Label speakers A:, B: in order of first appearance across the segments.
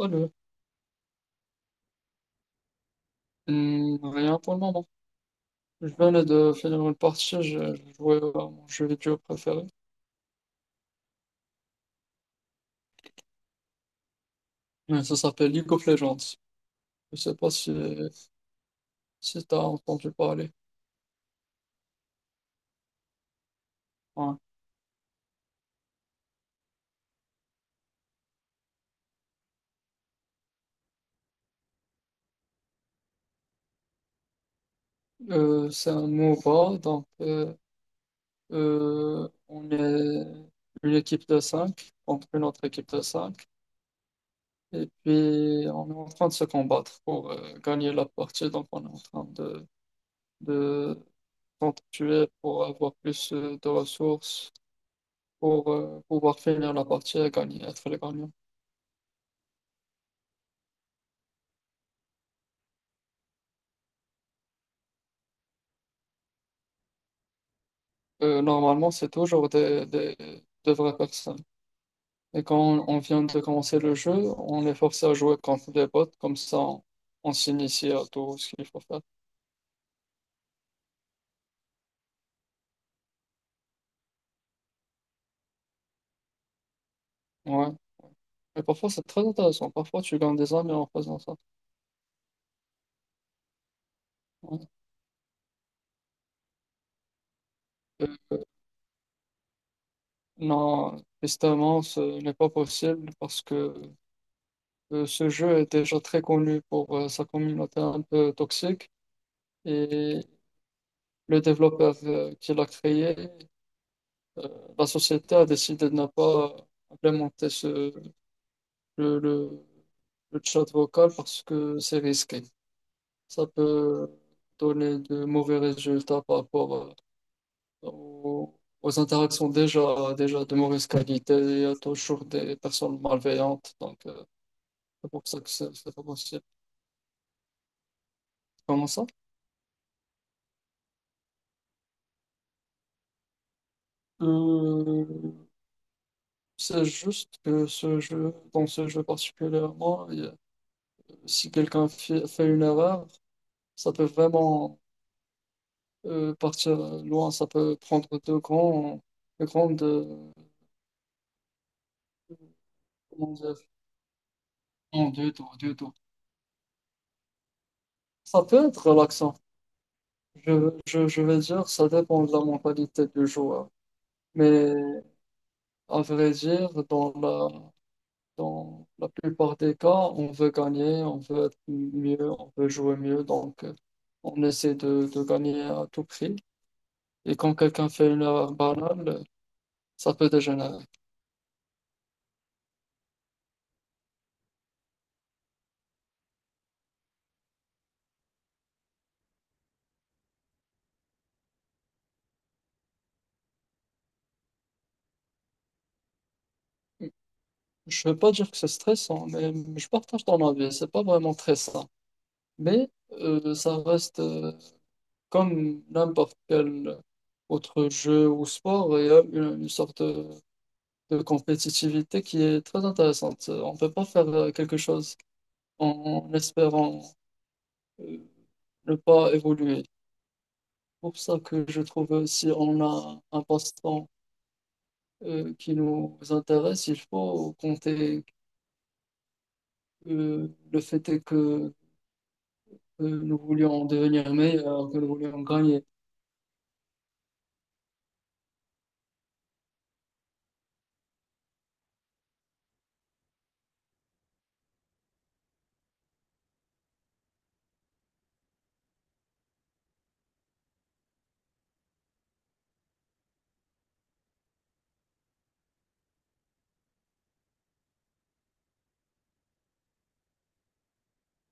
A: Allô. Rien pour le moment. Je venais de finir une partie, j'ai joué à mon jeu vidéo préféré. Ça s'appelle League of Legends. Je sais pas si, si t'as entendu parler. Ouais. C'est un MOBA, donc on est une équipe de 5 contre une autre équipe de cinq. Et puis on est en train de se combattre pour gagner la partie, donc on est en train de s'entretuer pour avoir plus de ressources pour pouvoir finir la partie et gagner, être le gagnant. Normalement, c'est toujours de vraies personnes. Et quand on vient de commencer le jeu, on est forcé à jouer contre des bots, comme ça on s'initie à tout ce qu'il faut faire. Ouais. Mais parfois, c'est très intéressant. Parfois, tu gagnes des amis en faisant ça. Ouais. Euh, non, justement, ce n'est pas possible parce que ce jeu est déjà très connu pour sa communauté un peu toxique. Et le développeur qui l'a créé, euh, la société a décidé de ne pas implémenter le, le, le chat vocal parce que c'est risqué. Ça peut donner de mauvais résultats par rapport aux, aux interactions déjà de mauvaise qualité. Il y a toujours des personnes malveillantes, donc c'est pour ça que c'est pas possible. Comment ça? Euh, c'est juste que dans ce jeu particulièrement, il y a- si quelqu'un fait une erreur, ça peut vraiment partir loin, ça peut prendre de grands, de grandes, comment dire, non, deux tours, deux tours. Ça peut être relaxant. Je vais dire, ça dépend de la mentalité du joueur. Mais à vrai dire, dans la plupart des cas, on veut gagner, on veut être mieux, on veut jouer mieux. Donc, on essaie de gagner à tout prix. Et quand quelqu'un fait une erreur banale, ça peut dégénérer. Je veux pas dire que c'est stressant, mais je partage ton avis, c'est pas vraiment stressant. Mais ça reste comme n'importe quel autre jeu ou sport, il y a une sorte de compétitivité qui est très intéressante. On peut pas faire quelque chose en espérant euh, ne pas évoluer. Pour ça que je trouve si on a un passe-temps qui nous intéresse, il faut compter le fait est que nous voulions devenir meilleurs, que nous voulions gagner.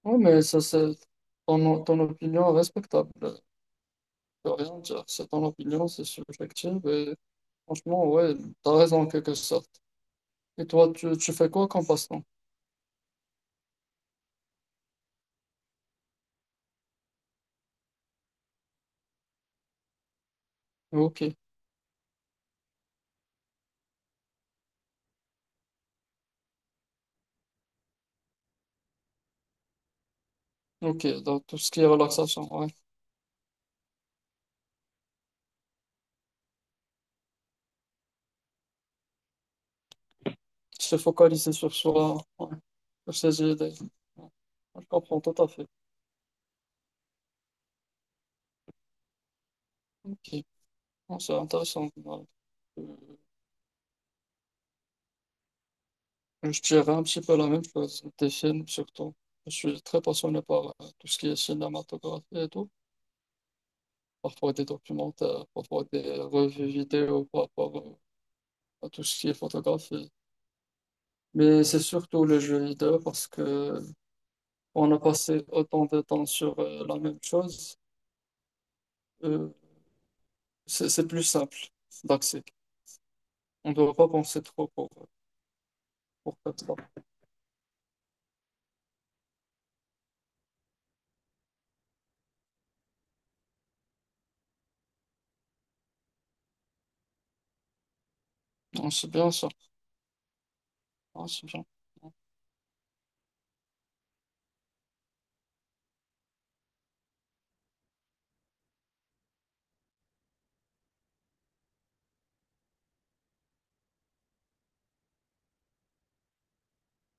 A: Oui, mais ça, c'est ton opinion respectable. Je peux rien dire. C'est ton opinion, c'est subjectif. Et franchement, ouais, t'as raison en quelque sorte. Et toi, tu fais quoi comme passe-temps? Ok, ok, donc tout ce qui est relaxation, ouais. Se focaliser sur soi, ouais. Sur ses idées. Ouais. Je comprends tout à fait. Ok. Bon, c'est intéressant. Ouais. Je dirais un petit peu la même chose, des films surtout. Je suis très passionné par tout ce qui est cinématographie et tout. Parfois des documentaires, parfois des revues vidéo par rapport à tout ce qui est photographie. Mais c'est surtout le jeu vidéo parce que on a passé autant de temps sur la même chose, euh, c'est plus simple d'accès. On ne doit pas penser trop pour faire ça. Non, c'est bien ça. Non, c'est bien.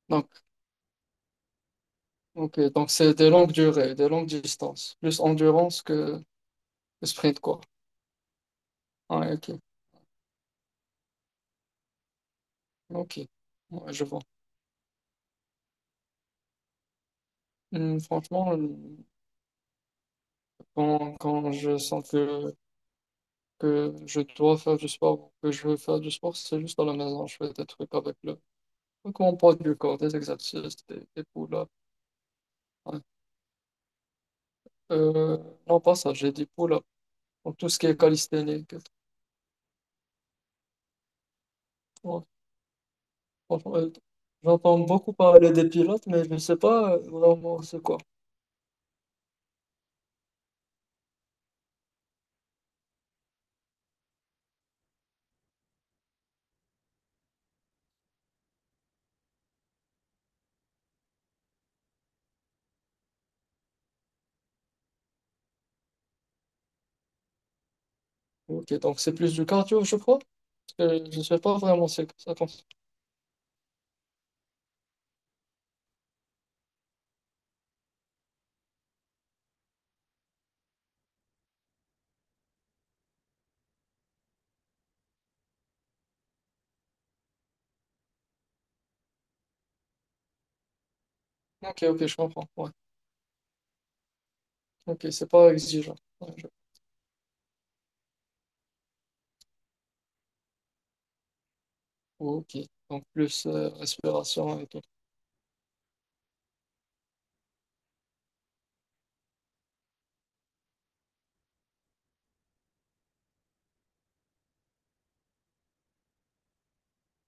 A: Donc, ok, donc c'est des longues durées, des longues distances, plus endurance que le sprint, quoi. Ouais, ok. Ok. Ouais, je vois. Franchement, quand, quand je sens que je dois faire du sport, ou que je veux faire du sport, c'est juste à la maison. Je fais des trucs avec le, avec mon poids du corps, des exercices, des pull-ups. Ouais. Euh, non, pas ça, j'ai dit pull-ups. Donc, tout ce qui est calisthénique. Ouais, franchement, j'entends beaucoup parler des pilotes, mais je ne sais pas vraiment c'est quoi. Ok, donc c'est plus du cardio, je crois, parce que je ne sais pas vraiment c'est ça. Consiste. Ok, ok, je comprends. Ouais. Ok, c'est pas exigeant. Ouais, je- Ok, donc plus respiration et tout.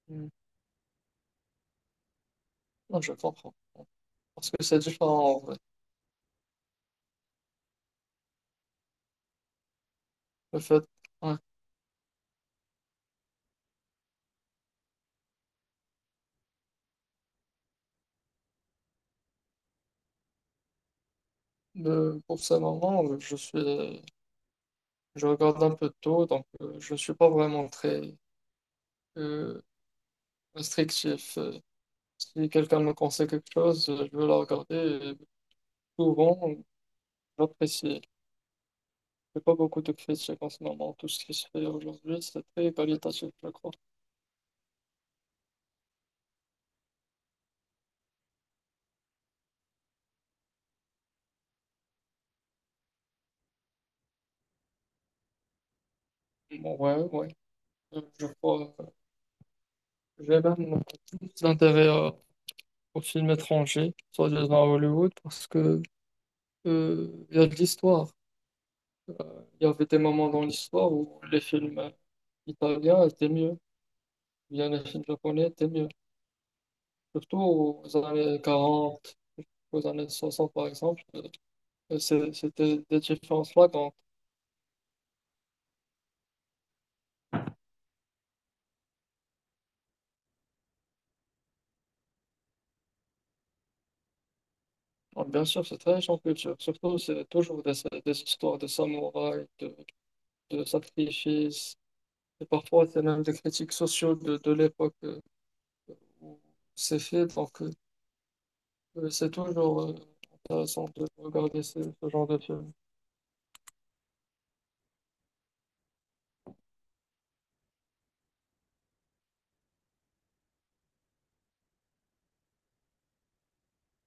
A: Hmm. Ouais, je comprends. Parce que c'est différent en vrai. Le fait, ouais. Le- pour ce moment, je regarde un peu de tout, donc je ne suis pas vraiment très euh, restrictif. Si quelqu'un me conseille quelque chose, je vais la regarder. Et souvent, j'apprécie. J'ai pas beaucoup de critiques en ce moment. Tout ce qui se fait aujourd'hui, c'est très qualitatif, je crois. Bon, ouais, ouais. Je crois. Je vais même plus d'intérêt aux films étrangers, soit disant à Hollywood, parce que il y a de l'histoire. Il y avait des moments dans l'histoire où les films italiens étaient mieux, ou bien les films japonais étaient mieux. Surtout aux années 40, aux années 60 par exemple, et c'est- c'était des différences flagrantes. Alors, bien sûr, c'est très riche en culture. Surtout, c'est toujours des histoires de samouraïs, de sacrifices, et parfois, c'est même des critiques sociaux de l'époque. C'est fait pour que c'est toujours intéressant de regarder ce, ce genre de film.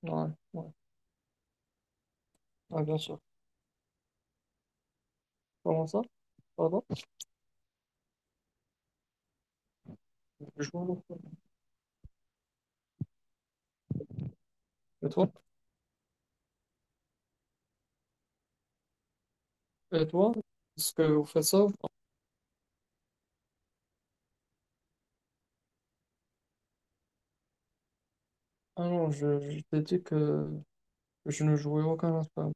A: Ouais, ouais. Ouais, bien sûr. Comment ça? Pardon? Je vous... Et toi? Et toi? Est-ce que vous faites ça? Ou pas. Ah non, je t'ai dit que je ne jouais aucun instrument.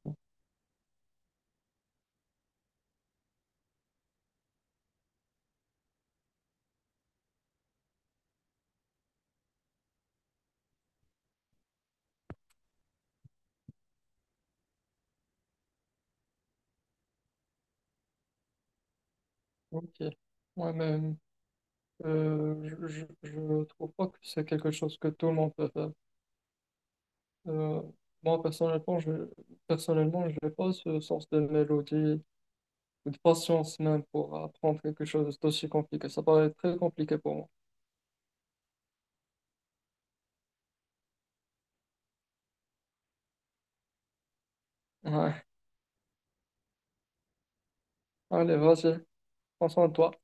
A: Ok. Ouais, mais je trouve pas que c'est quelque chose que tout le monde peut faire. Euh, Moi, personnellement, je personnellement, j'ai pas ce sens de mélodie de patience même pour apprendre quelque chose d'aussi compliqué. Ça paraît très compliqué pour moi. Ouais. Allez, vas-y, prends soin de toi. Ouais.